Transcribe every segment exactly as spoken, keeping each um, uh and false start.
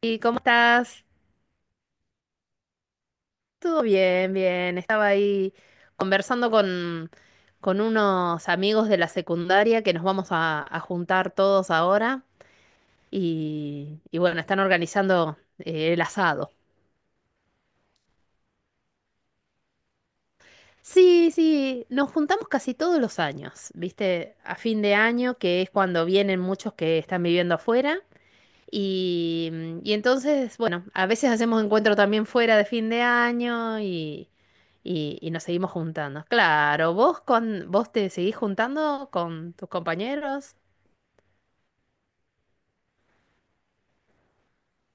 ¿Y cómo estás? Todo bien, bien. Estaba ahí conversando con, con unos amigos de la secundaria que nos vamos a, a juntar todos ahora y, y bueno, están organizando eh, el asado. Sí, sí, nos juntamos casi todos los años, ¿viste? A fin de año, que es cuando vienen muchos que están viviendo afuera. Y, mm, y entonces, bueno, a veces hacemos encuentro también fuera de fin de año y, y- y nos seguimos juntando. Claro, vos con, vos te seguís juntando con tus compañeros.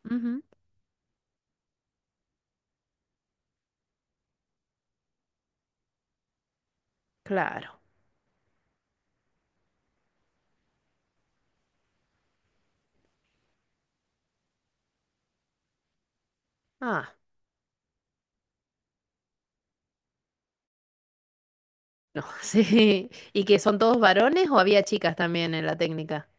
Ujú, claro. Ah, no, sí. ¿Y que son todos varones o había chicas también en la técnica?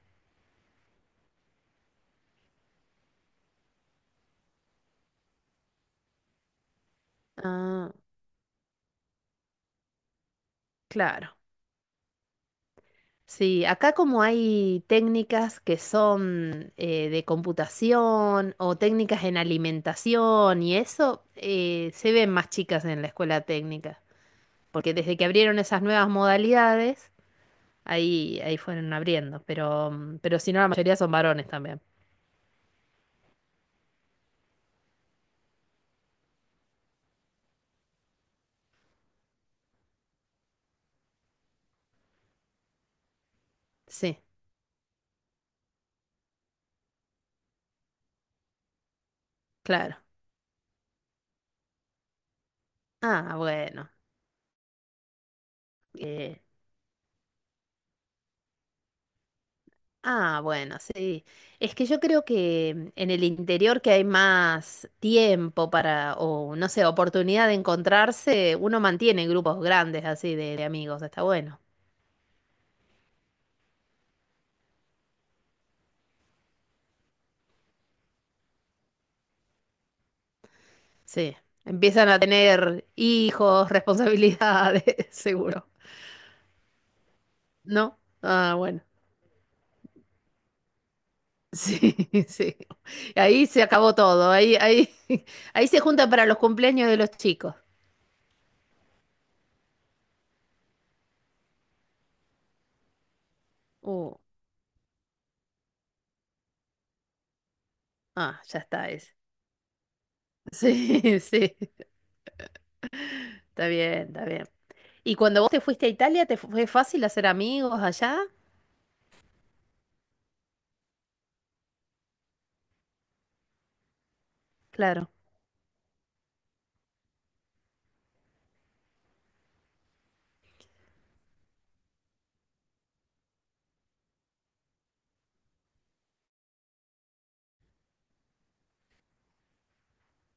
Ah, claro. Sí, acá como hay técnicas que son eh, de computación o técnicas en alimentación y eso, eh, se ven más chicas en la escuela técnica, porque desde que abrieron esas nuevas modalidades, ahí, ahí fueron abriendo, pero, mm, pero si no, la mayoría son varones también. Sí, claro. Ah, bueno. eh, Ah, bueno, sí. Es que yo creo que en el interior que hay más tiempo para, o no sé, oportunidad de encontrarse, uno mantiene grupos grandes así de, de amigos, está bueno. Sí. Empiezan a tener hijos, responsabilidades, seguro. ¿No? Ah, bueno. Sí, sí. Ahí se acabó todo. Ahí, ahí, ahí se juntan para los cumpleaños de los chicos. Uh, ah, ya está ese. Sí, sí. Está bien, está bien. Y cuando vos te fuiste a Italia, ¿te fue fácil hacer amigos allá? Claro,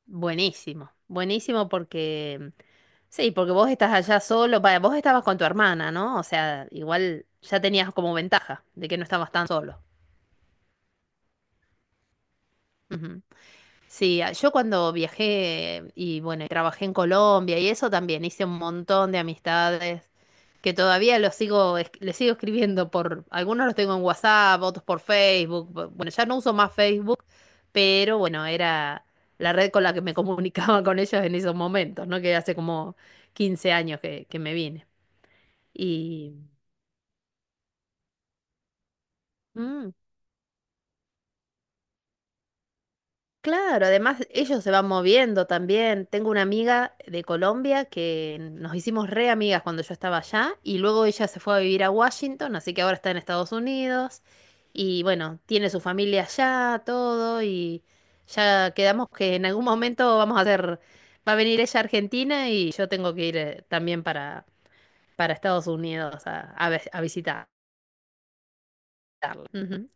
buenísimo, buenísimo porque, sí, porque vos estás allá solo, vaya, vos estabas con tu hermana, ¿no? O sea, igual ya tenías como ventaja de que no estabas tan solo. Ujú. Sí, a- yo cuando viajé y bueno, y trabajé en Colombia y eso también hice un montón de amistades que todavía los sigo, es- les sigo escribiendo por, algunos los tengo en WhatsApp, otros por Facebook. bu- Bueno, ya no uso más Facebook, pero bueno, era la red con la que me comunicaba con ellos en esos momentos, ¿no? Que hace como quince años que, que me vine. Y, mm, Claro, además ellos se van moviendo también. Tengo una amiga de Colombia que nos hicimos re amigas cuando yo estaba allá y luego ella se fue a vivir a Washington, así que ahora está en Estados Unidos y bueno, tiene su familia allá, todo y ya quedamos que en algún momento vamos a hacer, va a venir ella a Argentina y yo tengo que ir eh, también para, para, Estados Unidos a, a, vis- a visitarla. Ujú,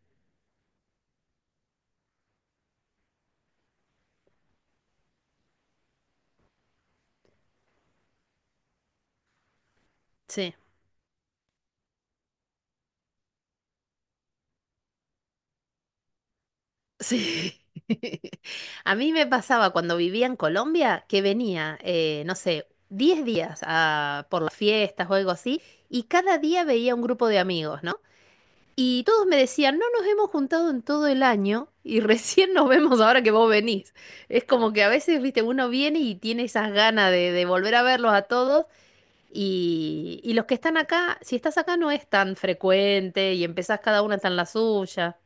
sí. Sí. A mí me pasaba cuando vivía en Colombia que venía, eh, no sé, diez días a- por las fiestas o algo así, y cada día veía un grupo de amigos, ¿no? Y todos me decían, no nos hemos juntado en todo el año y recién nos vemos ahora que vos venís. Es como que a veces, viste, uno viene y tiene esas ganas de, de volver a verlos a todos. Y, y los que están acá, si estás acá no es tan frecuente y empezás cada una está en la suya.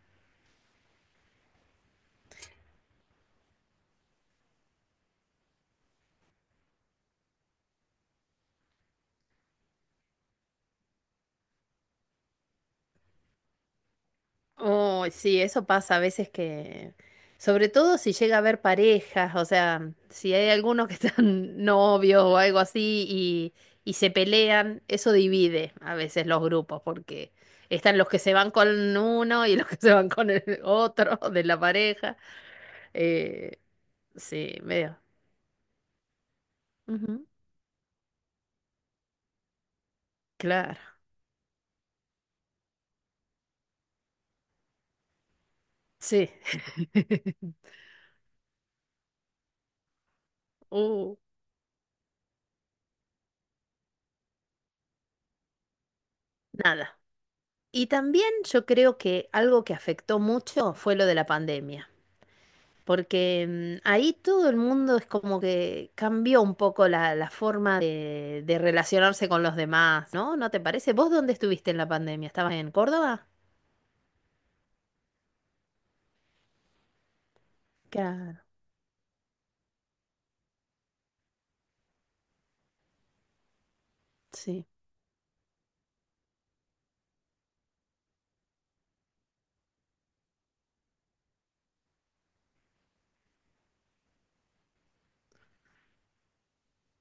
Oh, sí, eso pasa a veces que, sobre todo si llega a haber parejas, o sea, si hay algunos que están novios o algo así y, y se pelean, eso divide a veces los grupos, porque están los que se van con uno y los que se van con el otro de la pareja. Eh, sí, medio. Ujú, claro, sí. Uh, Nada. Y también yo creo que algo que afectó mucho fue lo de la pandemia. Porque mm, ahí todo el mundo es como que cambió un poco la, la forma de, de relacionarse con los demás, ¿no? ¿No te parece? ¿Vos dónde estuviste en la pandemia? ¿Estabas en Córdoba? Claro, sí,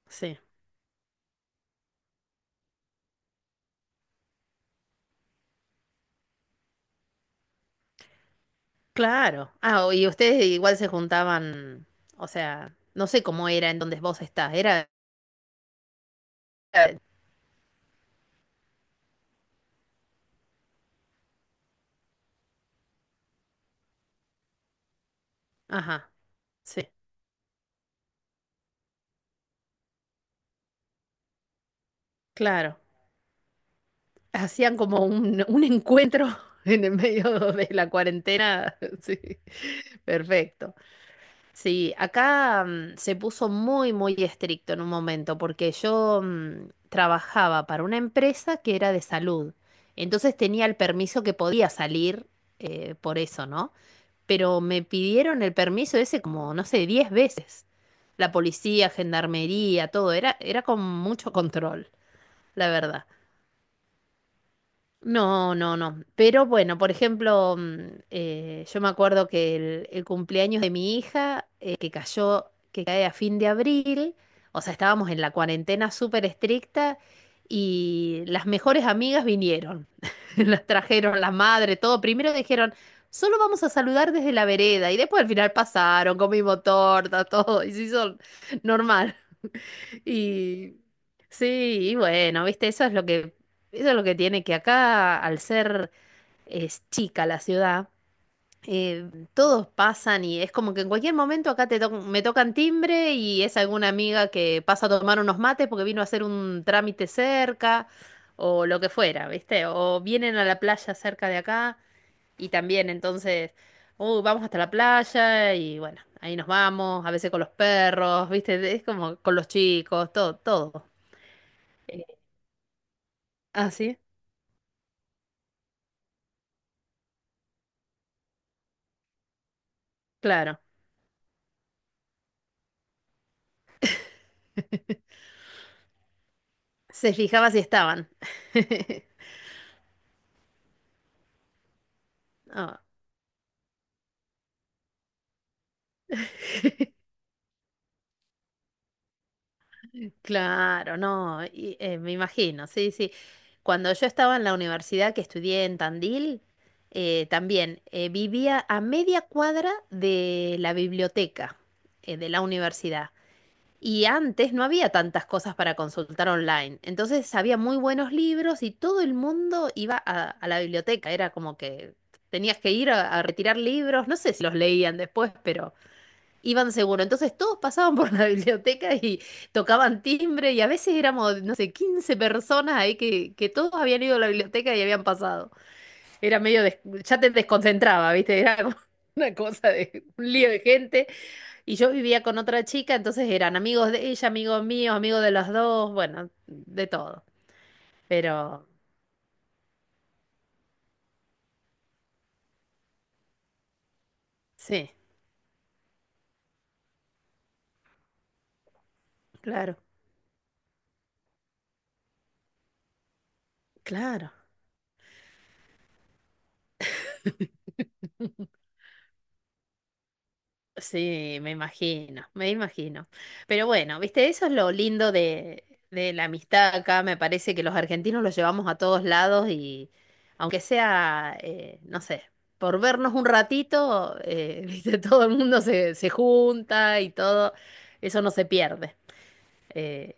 sí, claro. Ah, o- y ustedes igual se juntaban, o sea, no sé cómo era en donde vos estás, era... eh, Ajá, sí, claro. Hacían como un, un encuentro en el medio de la cuarentena, sí, perfecto. Sí, acá mm, se puso muy, muy estricto en un momento, porque yo mm, trabajaba para una empresa que era de salud. Entonces tenía el permiso que podía salir eh, por eso, ¿no? Pero me pidieron el permiso ese como, no sé, diez veces. La policía, gendarmería, todo, era, era con mucho control, la verdad. No, no, no. Pero bueno, por ejemplo, mm, eh, yo me acuerdo que el, el cumpleaños de mi hija, eh, que cayó, que cae a fin de abril, o sea, estábamos en la cuarentena súper estricta y las mejores amigas vinieron. Las trajeron, la madre, todo. Primero dijeron, solo vamos a saludar desde la vereda y después al final pasaron, comimos torta, todo, y se hizo normal. Y sí, y bueno, viste, eso es lo que, eso es lo que tiene que acá, al ser es chica la ciudad, eh, todos pasan y es como que en cualquier momento acá te toc- me tocan timbre y es alguna amiga que pasa a tomar unos mates porque vino a hacer un trámite cerca o lo que fuera, viste, o vienen a la playa cerca de acá y también entonces, "Uh, vamos hasta la playa y bueno, ahí nos vamos, a veces con los perros, viste, es como con los chicos, todo, todo. Eh, ah, sí, claro. Se fijaba si estaban. Ah, claro, no, y, eh, me imagino, sí, sí. Cuando yo estaba en la universidad que estudié en Tandil, eh, también eh, vivía a media cuadra de la biblioteca eh, de la universidad. Y antes no había tantas cosas para consultar online. Entonces había muy buenos libros y todo el mundo iba a, a la biblioteca. Era como que tenías que ir a, a retirar libros. No sé si los leían después, pero iban seguro. Entonces todos pasaban por la biblioteca y tocaban timbre y a veces éramos, no sé, quince personas ahí que, que todos habían ido a la biblioteca y habían pasado. Era medio, des- ya te desconcentraba, ¿viste? Era como una cosa de un lío de gente. Y yo vivía con otra chica, entonces eran amigos de ella, amigos míos, amigos de los dos, bueno, de todo. Pero sí, claro, claro. Sí, me imagino, me imagino. Pero bueno, viste, eso es lo lindo de, de la amistad acá. Me parece que los argentinos los llevamos a todos lados y aunque sea, eh, no sé, por vernos un ratito, eh, viste, todo el mundo se, se junta y todo, eso no se pierde. Eh,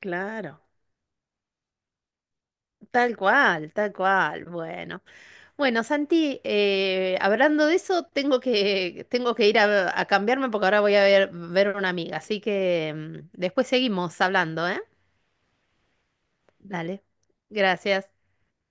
claro, tal cual, tal cual. Bueno. Bueno, Santi, eh, hablando de eso, tengo que, tengo que ir a, a cambiarme porque ahora voy a ver, ver a una amiga. Así que mm, después seguimos hablando, ¿eh? Dale. Gracias.